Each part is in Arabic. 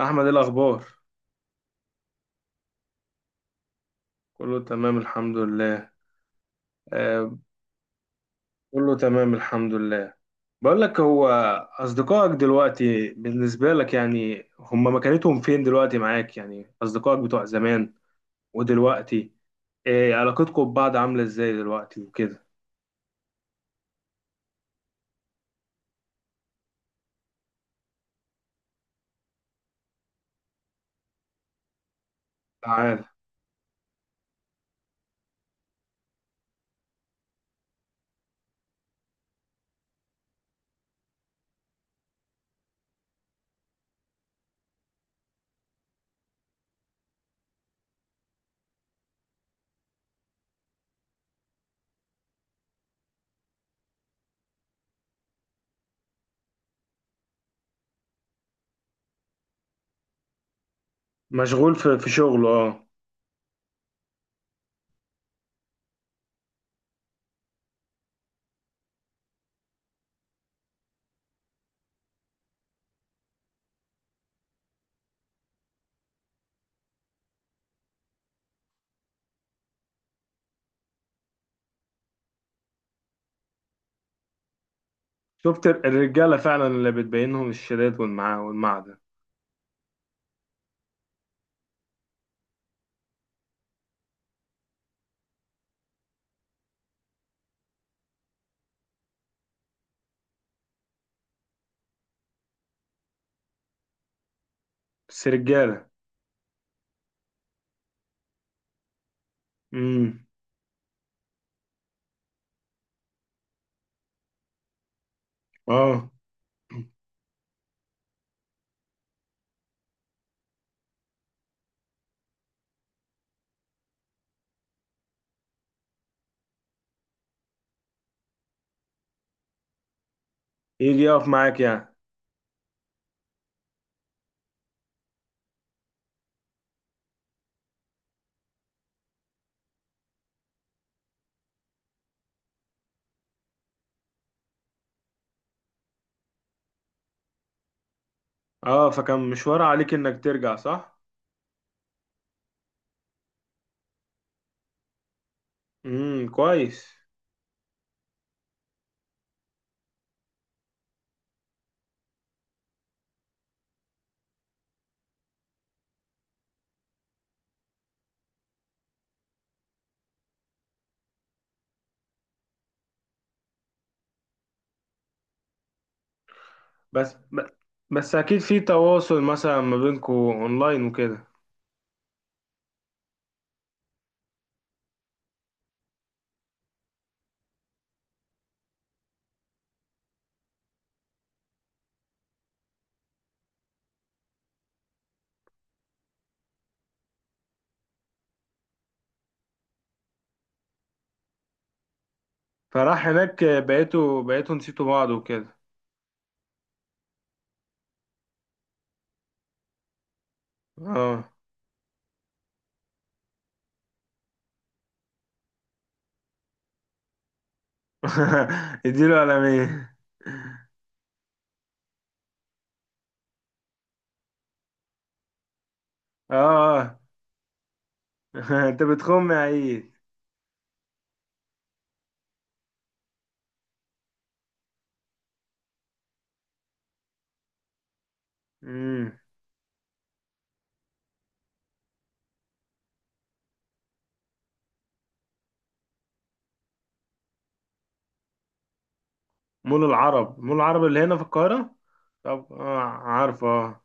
احمد، إيه الاخبار؟ كله تمام الحمد لله. آه. كله تمام الحمد لله. بقول لك، هو اصدقائك دلوقتي بالنسبه لك يعني هم مكانتهم فين دلوقتي معاك؟ يعني اصدقائك بتوع زمان ودلوقتي، إيه علاقتكم ببعض؟ عامله ازاي دلوقتي وكده؟ تعال. مشغول في شغله. اه. شفت الرجاله فعلا اللي بتبينهم، الشداد والمع والمعدن. بس رجاله. امم اه. يجي يقف معاك يعني. اه، فكان مشوار عليك انك ترجع، صح؟ كويس. بس ب- بس اكيد في تواصل مثلا ما بينكم اونلاين وكده. فراح هناك، بقيتوا نسيتوا بعض وكده؟ اه. اديله قلمين. اه اه. انت بتخم يا عيد. امم مول العرب؟ مول العرب اللي هنا في القاهرة؟ طب اه عارفه اه.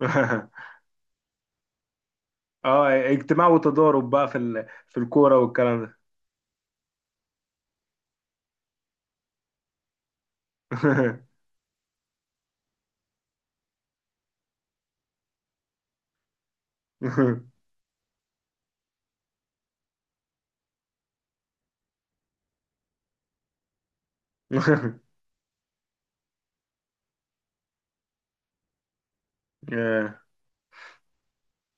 اه. اجتماع وتضارب بقى في الكورة والكلام ده.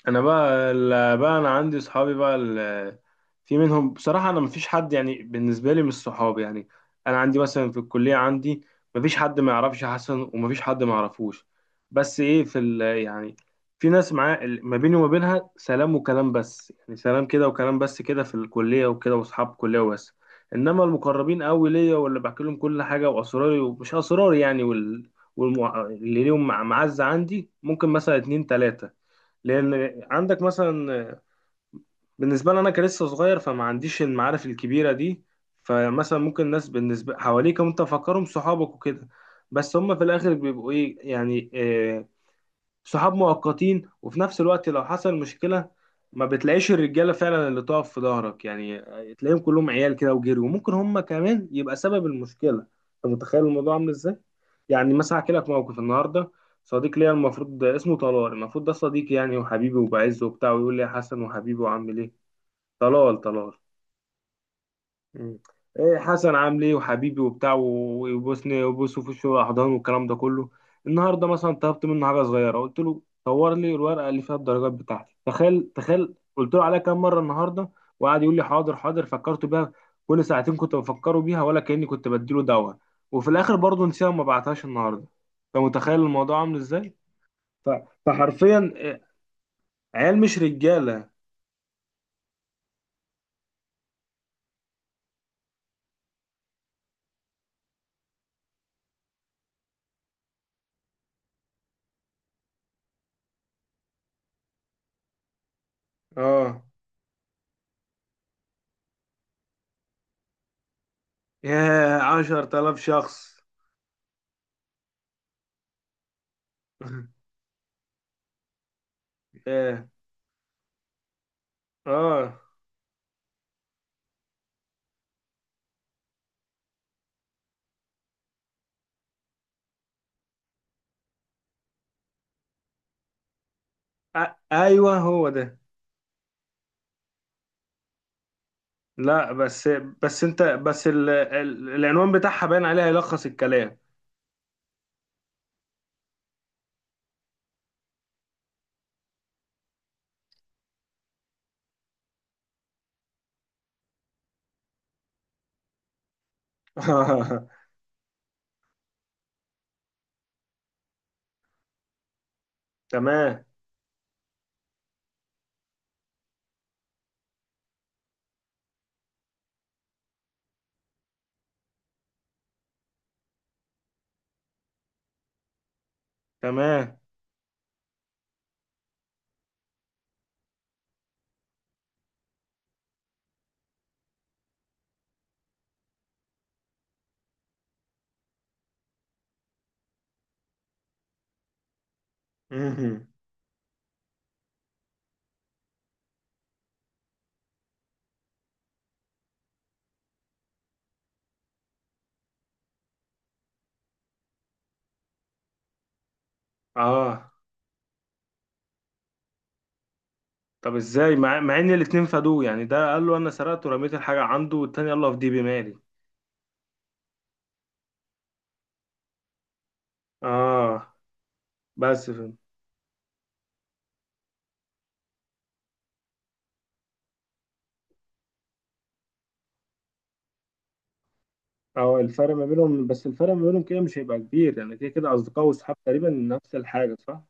انا بقى بقى انا عندي صحابي في منهم بصراحه. انا مفيش حد يعني بالنسبه لي مش صحابي يعني. انا عندي مثلا في الكليه، عندي مفيش حد ما يعرفش حسن ومفيش حد ما يعرفوش. بس ايه، في ال يعني في ناس معاه ما بيني وما بينها سلام وكلام بس، يعني سلام كده وكلام بس كده في الكليه وكده، واصحاب كليه وبس. انما المقربين قوي ليا واللي بحكي لهم كل حاجه، واسراري ومش اسراري يعني اللي ليهم معزه عندي، ممكن مثلا اتنين تلاته. لان عندك مثلا، بالنسبه لي انا كلسه صغير، فما عنديش المعارف الكبيره دي. فمثلا ممكن الناس بالنسبه حواليك انت فاكرهم صحابك وكده، بس هم في الاخر بيبقوا ايه يعني، صحاب مؤقتين. وفي نفس الوقت لو حصل مشكلة، ما بتلاقيش الرجالة فعلا اللي تقف في ظهرك يعني. تلاقيهم كلهم عيال كده وجري، وممكن هم كمان يبقى سبب المشكلة. انت متخيل الموضوع عامل ازاي؟ يعني مثلا احكي لك موقف النهارده. صديق ليا، المفروض اسمه طلال، المفروض ده صديقي يعني وحبيبي وبعزه وبتاع، ويقول لي يا حسن وحبيبي وعامل ايه؟ طلال طلال. مم. إيه حسن عامل ايه وحبيبي وبتاع ويبوسني ويبوسه في وشه واحضان والكلام ده كله. النهارده مثلا طلبت منه حاجه صغيره، قلت له صور لي الورقه اللي فيها الدرجات بتاعتي. تخيل، تخيل، قلت له عليها كام مره النهارده! وقعد يقول لي حاضر حاضر، فكرت بيها. كل ساعتين كنت بفكره بيها، ولا كاني كنت بديله دواء. وفي الاخر برضه نسيها وما بعتهاش النهارده. انت متخيل الموضوع عامل ازاي؟ ف- فحرفيا، عيال مش رجاله. اه. ياه، 10,000 شخص! ياه. اه. ايوه، هو ده. لا بس. بس انت بس العنوان بتاعها باين عليها، يلخص الكلام. تمام، تمام. مهم. اه، طب ازاي مع ان الاتنين فادوه؟ يعني ده قال له انا سرقت ورميت الحاجه عنده، والتاني قال له افديه بمالي. اه بس فهمت. اه، الفرق ما بينهم، بس الفرق ما بينهم كده مش هيبقى كبير يعني. كده كده اصدقاء واصحاب تقريبا نفس الحاجه، صح؟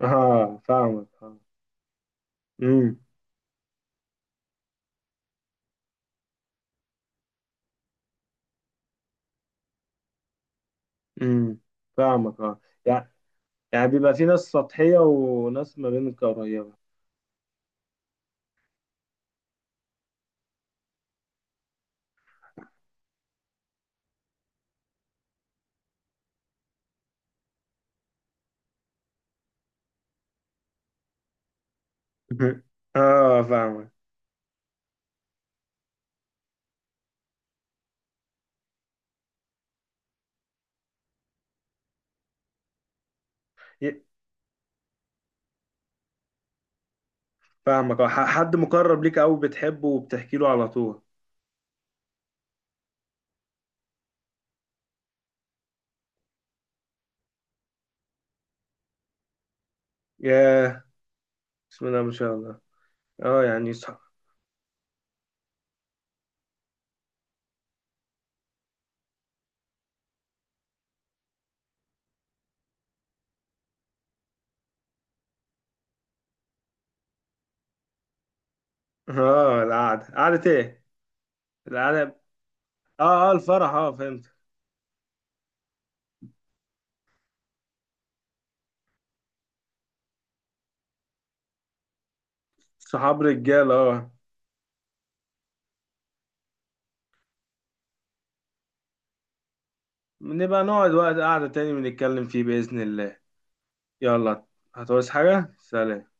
اه فاهمك اه. امم امم فاهمك اه. يعني، يعني بيبقى في ناس سطحية وناس ما بينك قريبة. اه فاهمك. ي- فاهمك. حد مقرب ليك قوي بتحبه وبتحكي له على طول. ياه. بسم الله ما شاء الله. اه، يعني صح. اه، القعدة قعدة ايه؟ القعدة. اه اه، الفرح. اه، فهمت. صحاب رجال، اه. نبقى نقعد وقت قعدة تاني بنتكلم فيه، بإذن الله. يلا. هتعوز حاجة؟ سلام.